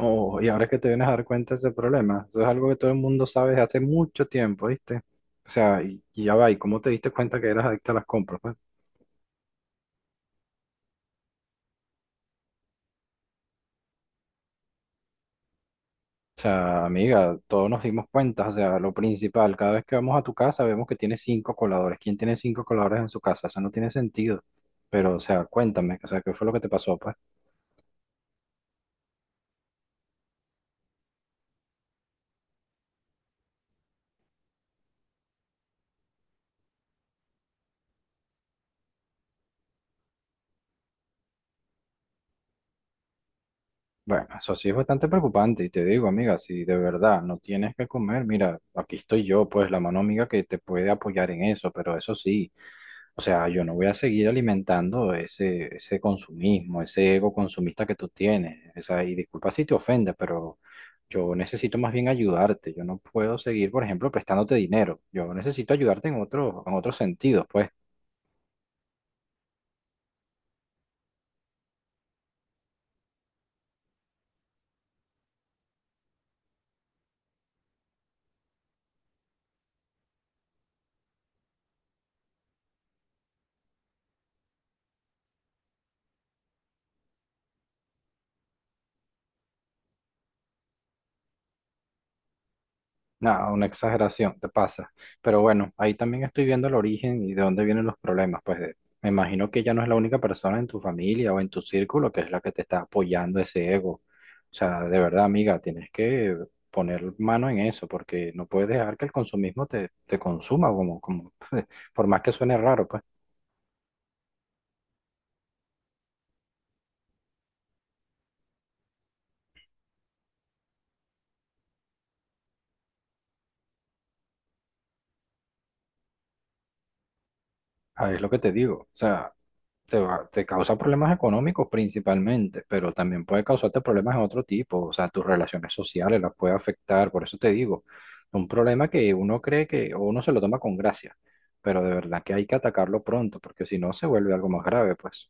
Oh, y ahora es que te vienes a dar cuenta de ese problema. Eso es algo que todo el mundo sabe desde hace mucho tiempo, ¿viste? O sea, y ya va, ¿y cómo te diste cuenta que eras adicta a las compras, pues? O sea, amiga, todos nos dimos cuenta, o sea, lo principal, cada vez que vamos a tu casa vemos que tienes cinco coladores. ¿Quién tiene cinco coladores en su casa? Eso no tiene sentido. Pero, o sea, cuéntame, o sea, ¿qué fue lo que te pasó, pues? Bueno, eso sí es bastante preocupante y te digo, amiga, si de verdad no tienes que comer, mira, aquí estoy yo, pues, la mano amiga que te puede apoyar en eso, pero eso sí. O sea, yo no voy a seguir alimentando ese consumismo, ese ego consumista que tú tienes. O sea, y disculpa si te ofende, pero yo necesito más bien ayudarte. Yo no puedo seguir, por ejemplo, prestándote dinero. Yo necesito ayudarte en otro, en otros sentidos, pues. No una exageración, te pasa. Pero bueno, ahí también estoy viendo el origen y de dónde vienen los problemas. Pues de- me imagino que ya no es la única persona en tu familia o en tu círculo que es la que te está apoyando ese ego. O sea, de verdad, amiga, tienes que poner mano en eso porque no puedes dejar que el consumismo te consuma, como, como, por más que suene raro, pues, ah, es lo que te digo. O sea, te va- te causa problemas económicos principalmente, pero también puede causarte problemas de otro tipo, o sea, tus relaciones sociales las puede afectar, por eso te digo, un problema que uno cree que o uno se lo toma con gracia, pero de verdad que hay que atacarlo pronto, porque si no se vuelve algo más grave, pues.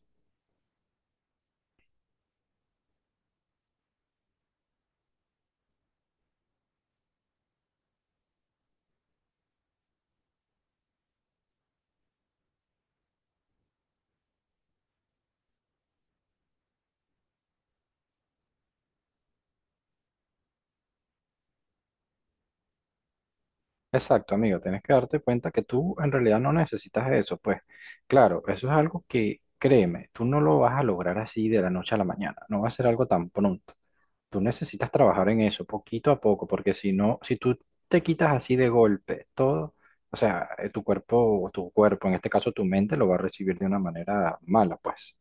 Exacto, amigo, tienes que darte cuenta que tú en realidad no necesitas eso, pues. Claro, eso es algo que, créeme, tú no lo vas a lograr así de la noche a la mañana, no va a ser algo tan pronto. Tú necesitas trabajar en eso poquito a poco, porque si no, si tú te quitas así de golpe todo, o sea, tu cuerpo, en este caso tu mente, lo va a recibir de una manera mala, pues.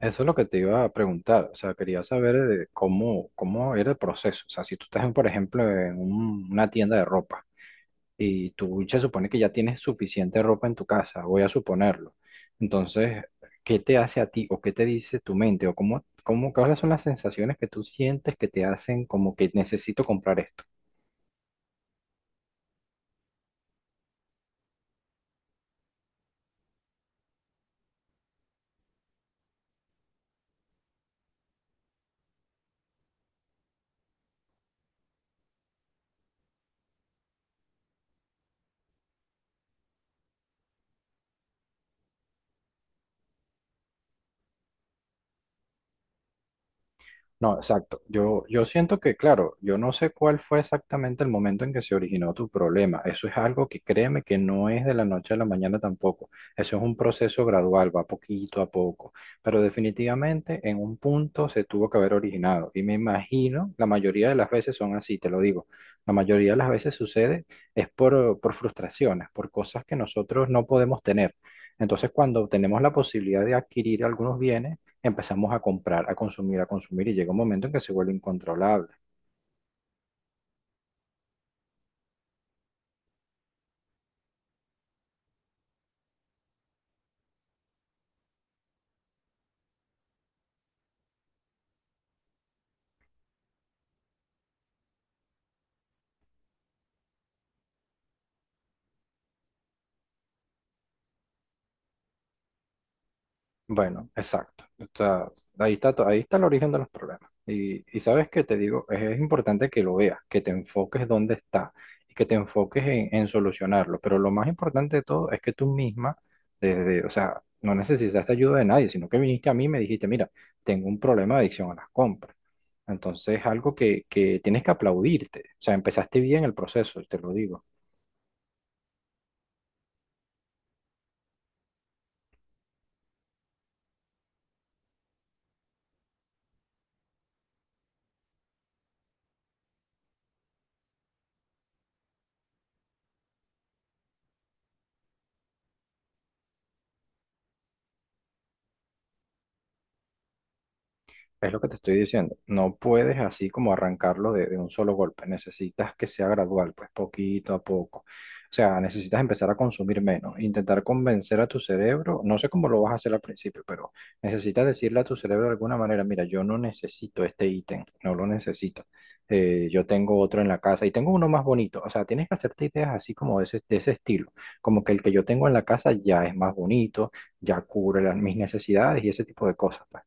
Eso es lo que te iba a preguntar, o sea, quería saber cómo, cómo era el proceso, o sea, si tú estás, en, por ejemplo, en un- una tienda de ropa. Y tú se supone que ya tienes suficiente ropa en tu casa, voy a suponerlo. Entonces, ¿qué te hace a ti o qué te dice tu mente o cómo, cómo, cuáles son las sensaciones que tú sientes que te hacen como que necesito comprar esto? No, exacto. Yo siento que, claro, yo no sé cuál fue exactamente el momento en que se originó tu problema. Eso es algo que créeme que no es de la noche a la mañana tampoco. Eso es un proceso gradual, va poquito a poco. Pero definitivamente en un punto se tuvo que haber originado. Y me imagino, la mayoría de las veces son así, te lo digo. La mayoría de las veces sucede es por frustraciones, por cosas que nosotros no podemos tener. Entonces, cuando tenemos la posibilidad de adquirir algunos bienes, empezamos a comprar, a consumir y llega un momento en que se vuelve incontrolable. Bueno, exacto. Está- ahí está, to- ahí está el origen de los problemas. Y sabes que te digo, es importante que lo veas, que te enfoques dónde está y que te enfoques en solucionarlo. Pero lo más importante de todo es que tú misma, desde, o sea, no necesitaste ayuda de nadie, sino que viniste a mí y me dijiste, mira, tengo un problema de adicción a las compras. Entonces es algo que tienes que aplaudirte. O sea, empezaste bien el proceso, te lo digo. Es lo que te estoy diciendo. No puedes así como arrancarlo de un solo golpe. Necesitas que sea gradual, pues poquito a poco. O sea, necesitas empezar a consumir menos, intentar convencer a tu cerebro. No sé cómo lo vas a hacer al principio, pero necesitas decirle a tu cerebro de alguna manera, mira, yo no necesito este ítem, no lo necesito. Yo tengo otro en la casa y tengo uno más bonito. O sea, tienes que hacerte ideas así como de ese estilo. Como que el que yo tengo en la casa ya es más bonito, ya cubre las, mis necesidades y ese tipo de cosas. Pues.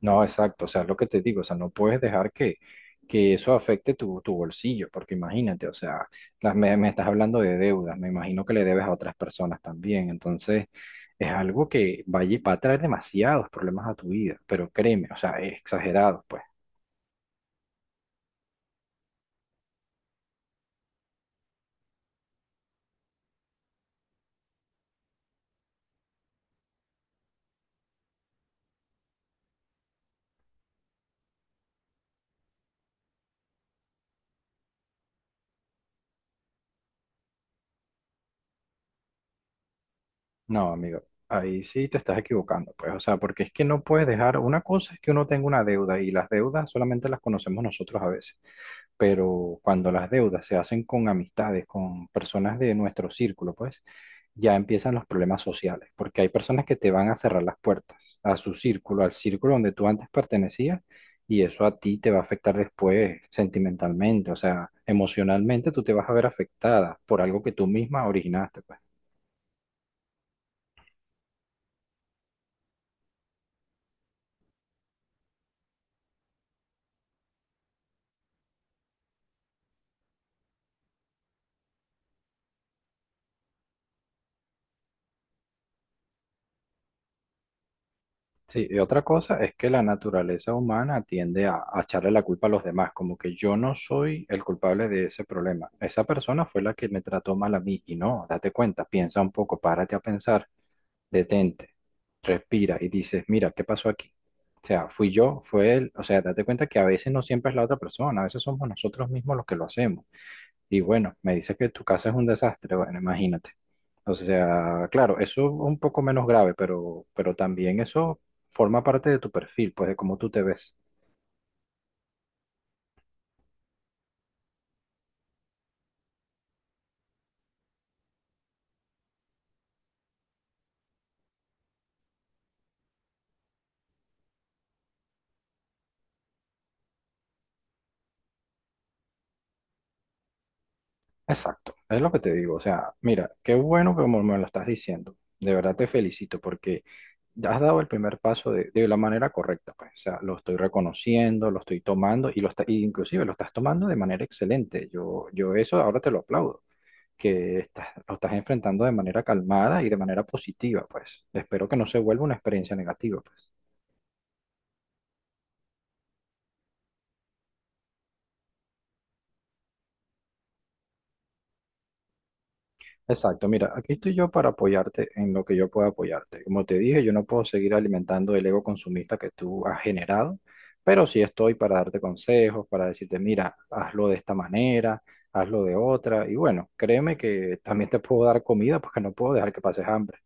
No, exacto, o sea, lo que te digo, o sea, no puedes dejar que eso afecte tu, tu bolsillo, porque imagínate, o sea, las, me estás hablando de deudas, me imagino que le debes a otras personas también, entonces es algo que va, a lle- va a traer demasiados problemas a tu vida, pero créeme, o sea, es exagerado, pues. No, amigo, ahí sí te estás equivocando, pues, o sea, porque es que no puedes dejar, una cosa es que uno tenga una deuda y las deudas solamente las conocemos nosotros a veces. Pero cuando las deudas se hacen con amistades, con personas de nuestro círculo, pues ya empiezan los problemas sociales, porque hay personas que te van a cerrar las puertas a su círculo, al círculo donde tú antes pertenecías, y eso a ti te va a afectar después sentimentalmente, o sea, emocionalmente tú te vas a ver afectada por algo que tú misma originaste, pues. Sí, y otra cosa es que la naturaleza humana tiende a echarle la culpa a los demás, como que yo no soy el culpable de ese problema. Esa persona fue la que me trató mal a mí y no, date cuenta, piensa un poco, párate a pensar, detente, respira y dices, mira, ¿qué pasó aquí? O sea, fui yo, fue él, o sea, date cuenta que a veces no siempre es la otra persona, a veces somos nosotros mismos los que lo hacemos. Y bueno, me dices que tu casa es un desastre, bueno, imagínate. O sea, claro, eso es un poco menos grave, pero también eso forma parte de tu perfil, pues de cómo tú te ves. Exacto, es lo que te digo. O sea, mira, qué bueno que como me lo estás diciendo. De verdad te felicito porque ya has dado el primer paso de la manera correcta, pues. O sea, lo estoy reconociendo, lo estoy tomando y lo está, y inclusive lo estás tomando de manera excelente. Yo eso ahora te lo aplaudo. Que estás, lo estás enfrentando de manera calmada y de manera positiva, pues. Espero que no se vuelva una experiencia negativa, pues. Exacto, mira, aquí estoy yo para apoyarte en lo que yo pueda apoyarte. Como te dije, yo no puedo seguir alimentando el ego consumista que tú has generado, pero sí estoy para darte consejos, para decirte, mira, hazlo de esta manera, hazlo de otra, y bueno, créeme que también te puedo dar comida porque no puedo dejar que pases hambre.